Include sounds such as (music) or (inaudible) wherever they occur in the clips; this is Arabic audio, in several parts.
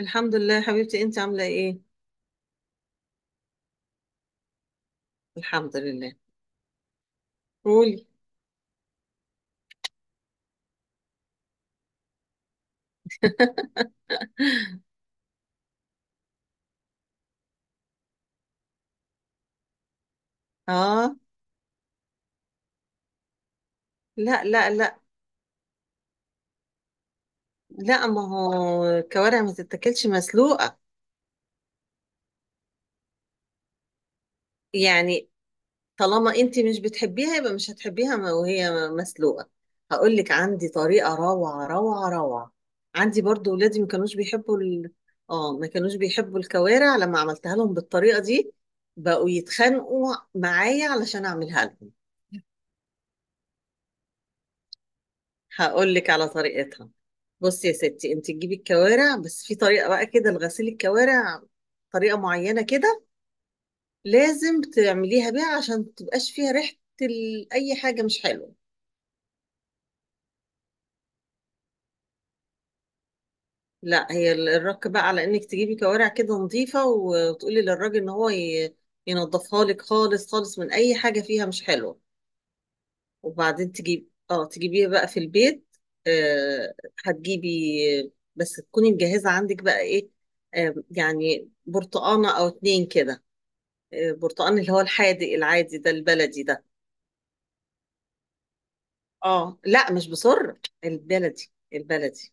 الحمد لله، حبيبتي. انت عامله ايه؟ الحمد لله. قولي. (laughs) اه. لا، لا، لا، لا. ما هو الكوارع ما تتاكلش مسلوقه. يعني طالما انت مش بتحبيها يبقى مش هتحبيها، وهي مسلوقه. هقول لك عندي طريقه روعه روعه روعه. عندي برضو ولادي ما كانوش بيحبوا اه، ما كانوش بيحبوا الكوارع لما عملتها لهم بالطريقه دي. بقوا يتخانقوا معايا علشان اعملها لهم. هقول لك على طريقتها. بصي يا ستي، انت تجيبي الكوارع، بس في طريقه بقى كده لغسيل الكوارع. طريقه معينه كده. لازم تعمليها بيها عشان متبقاش فيها ريحه، اي حاجه مش حلوه. لا، هي الرك بقى على انك تجيبي كوارع كده نظيفه وتقولي للراجل ان هو ينضفها لك خالص خالص من اي حاجه فيها مش حلوه. وبعدين تجيبيها بقى في البيت. آه هتجيبي. بس تكوني مجهزة عندك بقى ايه. يعني برتقانة او اتنين كده. برتقان اللي هو الحادق العادي ده، البلدي ده. اه، لا، مش بصر. البلدي البلدي.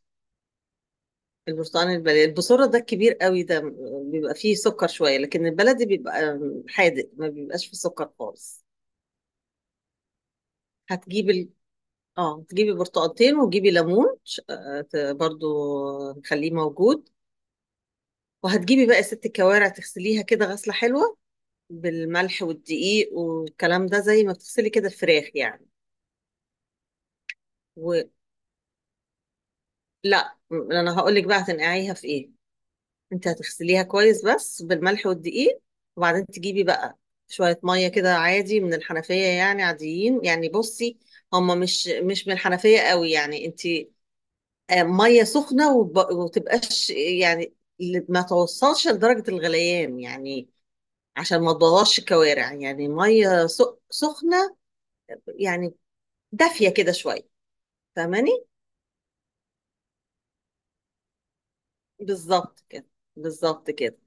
البرتقان البلدي، البصرة ده الكبير قوي ده بيبقى فيه سكر شوية، لكن البلدي بيبقى حادق، ما بيبقاش فيه سكر خالص. هتجيبي اه، تجيبي برتقالتين، وتجيبي ليمون برضو نخليه موجود. وهتجيبي بقى يا ست الكوارع، تغسليها كده غسلة حلوة بالملح والدقيق والكلام ده، زي ما بتغسلي كده الفراخ يعني. ولا، انا هقول لك بقى هتنقعيها في ايه. انت هتغسليها كويس بس بالملح والدقيق، وبعدين تجيبي بقى شوية مية كده عادي من الحنفية، يعني عاديين. يعني بصي، هما مش من الحنفية قوي، يعني انت مية سخنة، وتبقاش يعني ما توصلش لدرجة الغليان، يعني عشان ما تبوظش الكوارع. يعني ميه سخنه، يعني دافيه كده شويه. فاهماني؟ بالظبط كده، بالظبط كده.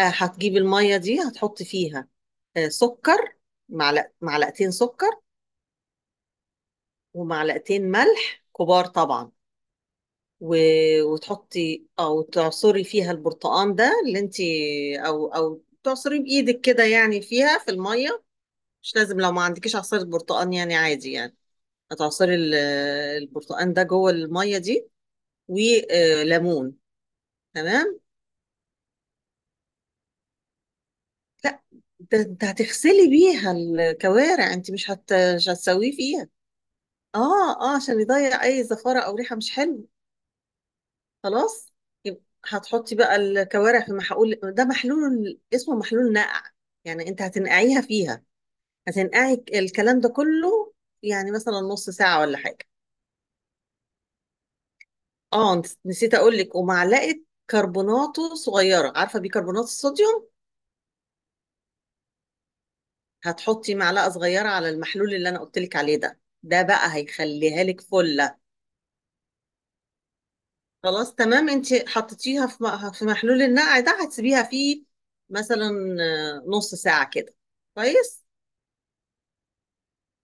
هتجيب الميه دي، هتحط فيها سكر، معلقتين سكر، ومعلقتين ملح كبار طبعا، و... وتحطي او تعصري فيها البرتقان ده اللي انت، او تعصري بايدك كده، يعني فيها في الميه. مش لازم لو ما عندكيش عصير برتقان، يعني عادي يعني. هتعصري البرتقان ده جوه الميه دي وليمون. تمام. لا، ده انت هتغسلي بيها الكوارع، انت مش هتسويه فيها. اه، عشان يضيع اي زفاره او ريحه مش حلوه. خلاص. يبقى هتحطي بقى الكوارع في محلول. ده محلول اسمه محلول نقع، يعني انت هتنقعيها فيها، هتنقعي الكلام ده كله يعني مثلا نص ساعه ولا حاجه. اه، نسيت اقول لك، ومعلقه كربوناته صغيره، عارفه بيكربونات الصوديوم. هتحطي معلقة صغيرة على المحلول اللي أنا قلتلك عليه ده بقى هيخليها لك فلة. خلاص، تمام. انت حطيتيها في محلول النقع ده، هتسيبيها فيه مثلا نص ساعة كده. كويس.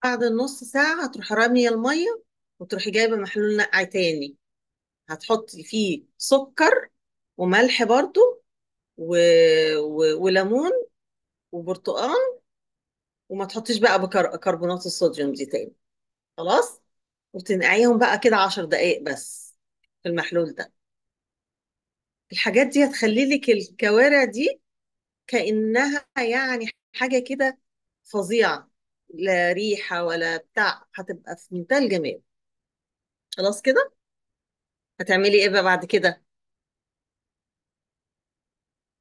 بعد النص ساعة هتروحي رامية المية، وتروحي جايبة محلول نقع تاني. هتحطي فيه سكر وملح برضو، و... وليمون وبرتقال، وما تحطيش بقى كربونات الصوديوم دي تاني. خلاص، وتنقعيهم بقى كده 10 دقايق بس في المحلول ده. الحاجات دي هتخلي لك الكوارع دي كأنها يعني حاجة كده فظيعة. لا ريحة ولا بتاع، هتبقى في منتهى الجمال. خلاص كده. هتعملي ايه بقى بعد كده؟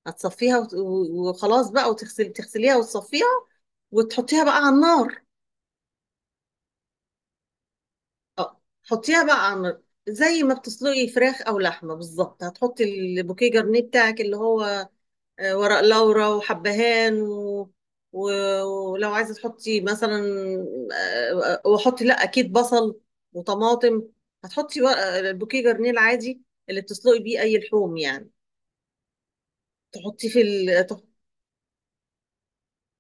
هتصفيها وخلاص بقى، تغسليها وتصفيها وتحطيها بقى على النار. اه، حطيها بقى على النار زي ما بتسلقي فراخ او لحمه بالظبط. هتحطي البوكيه جرنيه بتاعك اللي هو ورق لورا وحبهان و... ولو عايزة تحطي مثلا وحطي، لا، أكيد بصل وطماطم. هتحطي البوكيه جرنيل عادي اللي بتسلقي بيه أي لحوم يعني. تحطيه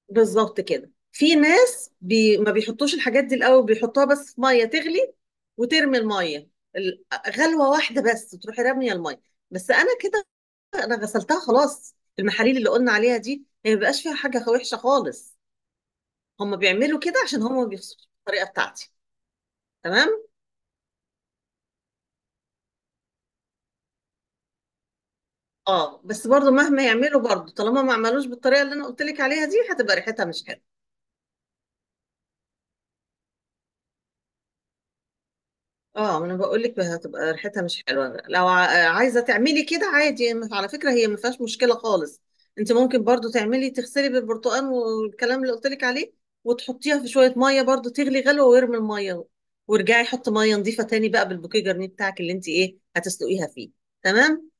بالظبط كده. في ناس ما بيحطوش الحاجات دي الأول، بيحطوها بس في مية تغلي وترمي المية، ال- غلوة واحدة بس، وتروحي رامية المية. بس أنا كده، أنا غسلتها خلاص، المحاليل اللي قلنا عليها دي هي ما بيبقاش فيها حاجة وحشة خالص. هم بيعملوا كده عشان هم ما بيخسروش الطريقه بتاعتي. تمام. اه، بس برضو مهما يعملوا، برضو طالما ما عملوش بالطريقه اللي انا قلت لك عليها دي، هتبقى ريحتها مش حلوه. اه، ما انا بقول لك هتبقى ريحتها مش حلوه. لو عايزه تعملي كده عادي، على فكره هي ما فيهاش مشكله خالص. انت ممكن برضو تغسلي بالبرتقال والكلام اللي قلت لك عليه، وتحطيها في شويه ميه برضو تغلي غلوه، وارمي الميه، وارجعي حطي ميه نظيفه تاني بقى بالبوكيه جرنيه بتاعك اللي انت ايه هتسلقيها فيه. تمام.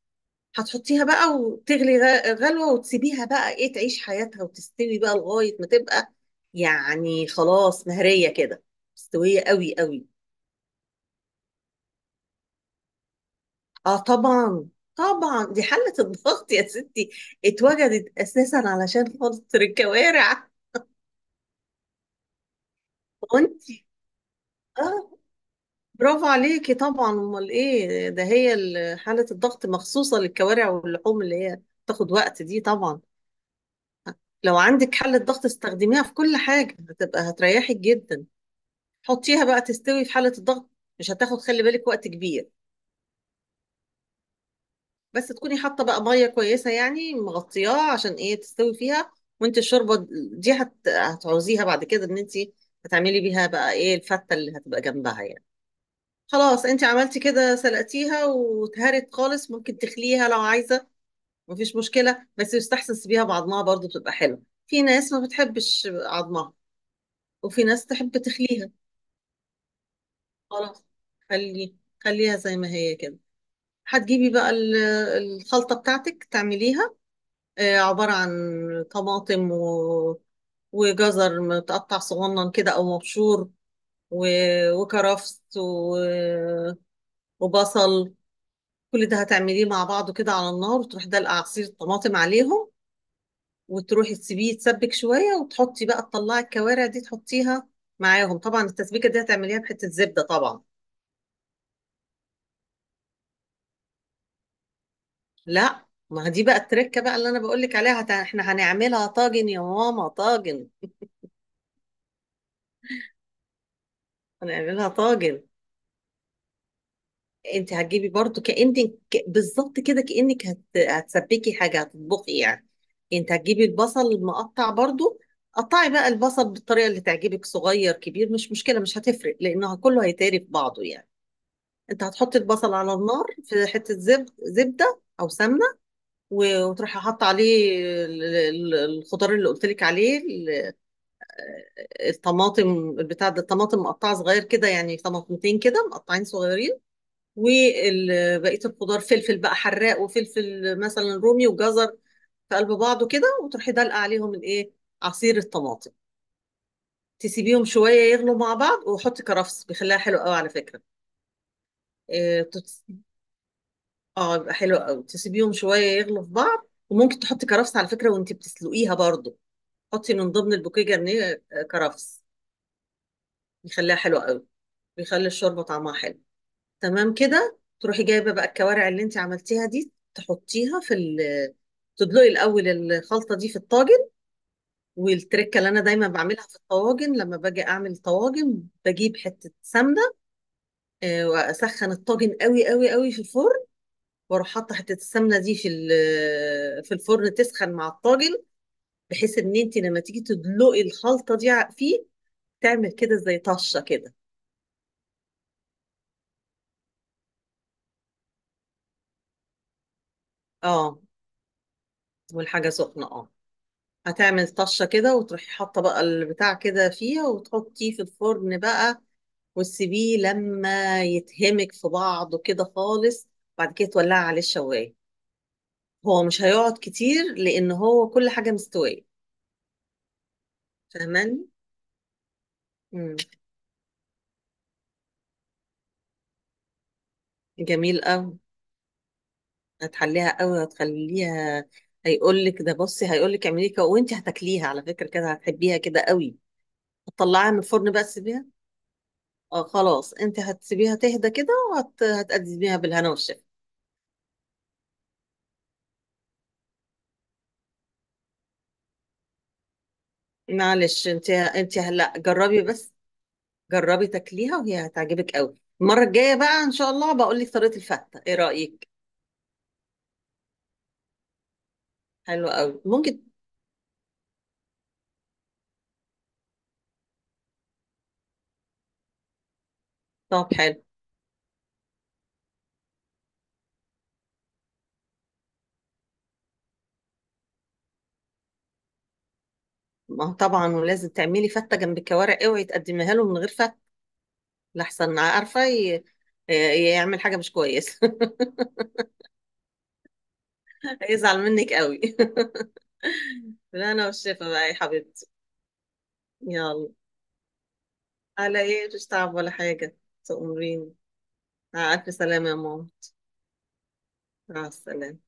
هتحطيها بقى وتغلي غلوة، وتسيبيها بقى ايه تعيش حياتها وتستوي بقى لغاية ما تبقى، يعني خلاص، مهرية كده، مستوية قوي قوي. اه طبعا، طبعا دي حلة الضغط يا ستي اتوجدت اساسا علشان خاطر الكوارع. وانتي اه. برافو عليكي طبعا، امال ايه، ده هي حالة الضغط مخصوصة للكوارع واللحوم اللي هي تاخد وقت دي طبعا. لو عندك حلة ضغط استخدميها في كل حاجة، هتبقى هتريحك جدا. حطيها بقى تستوي في حالة الضغط، مش هتاخد خلي بالك وقت كبير. بس تكوني حاطة بقى مية كويسة، يعني مغطياها عشان ايه تستوي فيها. وانت الشوربة دي هتعوزيها بعد كده، ان انت هتعملي بيها بقى ايه الفتة اللي هتبقى جنبها يعني. خلاص، انت عملتي كده، سلقتيها واتهرت خالص، ممكن تخليها لو عايزة مفيش مشكلة، بس يستحسن تسيبيها بعضمها برضو، بتبقى حلوة. في ناس ما بتحبش عظمها، وفي ناس تحب تخليها. خلاص، خلي خليها زي ما هي كده. هتجيبي بقى الخلطة بتاعتك تعمليها عبارة عن طماطم وجزر متقطع صغنن كده أو مبشور، و... وكرفس وبصل. كل ده هتعمليه مع بعضه كده على النار، وتروحي دلقة عصير الطماطم عليهم، وتروحي تسيبيه يتسبك شوية، وتحطي بقى تطلعي الكوارع دي تحطيها معاهم. طبعا التسبيكة دي هتعمليها بحتة زبدة طبعا. لا، ما دي بقى التركة بقى اللي أنا بقولك عليها. احنا هنعملها طاجن يا ماما، طاجن. هنعملها طاجن. انت هتجيبي برضو بالظبط كده، كأنك هتسبكي حاجة، هتطبخي يعني. انت هتجيبي البصل المقطع برضو. قطعي بقى البصل بالطريقة اللي تعجبك، صغير كبير مش مشكلة، مش هتفرق لأنه كله هيتهري في بعضه يعني. انت هتحطي البصل على النار في حتة زبدة أو سمنة، وتروحي حاطة عليه الخضار اللي قلت لك عليه، الطماطم. بتاع ده الطماطم مقطعة صغير كده، يعني طماطمتين كده مقطعين صغيرين، وبقية الخضار، فلفل بقى حراق وفلفل مثلا رومي وجزر، في قلب بعضه كده، وتروحي دلقة عليهم الايه، عصير الطماطم. تسيبيهم شوية يغلوا مع بعض، وحطي كرفس، بيخليها حلو قوي على فكرة. اه آه، يبقى حلو قوي. تسيبيهم شوية يغلوا في بعض، وممكن تحطي كرفس على فكرة وانت بتسلقيها برضو. حطي من ضمن البوكيه جرنيه كرفس، بيخليها حلوة قوي، بيخلي الشوربة طعمها حلو. تمام كده. تروحي جايبه بقى الكوارع اللي انت عملتيها دي، تحطيها في ال تدلقي الاول الخلطه دي في الطاجن. والتركه اللي انا دايما بعملها في الطواجن لما باجي اعمل طواجن، بجيب حته سمنه واسخن الطاجن قوي قوي قوي في الفرن، واروح حاطه حته السمنه دي في الفرن تسخن مع الطاجن، بحيث ان انت لما تيجي تدلقي الخلطه دي فيه، تعمل كده زي طشه كده. اه، والحاجه سخنه، اه. هتعمل طشة كده، وتروحي حاطة بقى البتاع كده فيها، وتحطيه في الفرن بقى وتسيبيه لما يتهمك في بعضه كده خالص. بعد كده تولعي عليه الشواية. هو مش هيقعد كتير لأن هو كل حاجة مستوية. فاهماني؟ مم. جميل قوي. هتحليها قوي، هتخليها، هيقولك ده بصي، هيقولك اعملي كده، وانت هتاكليها على فكرة كده هتحبيها كده قوي. هتطلعيها من الفرن بقى تسيبيها. اه، خلاص، انت هتسيبيها تهدى كده، وهتقدميها بالهنا والشفا. معلش، انت هلا جربي بس. جربي تاكليها وهي هتعجبك قوي. المره الجايه بقى ان شاء الله بقول لك طريقه الفته، ايه رايك؟ حلو قوي ممكن. طب حلو. ما هو طبعا، ولازم تعملي فته جنب الكوارع، اوعي تقدميها له من غير فته، لحسن عارفه يعمل حاجه مش كويسه. (laughs) هيزعل منك قوي. (laughs) بالهنا والشفا بقى يا حبيبتي. يلا، على ايه، مش تعب ولا حاجه. تأمريني. مع الف سلامه يا ماما. مع السلامه.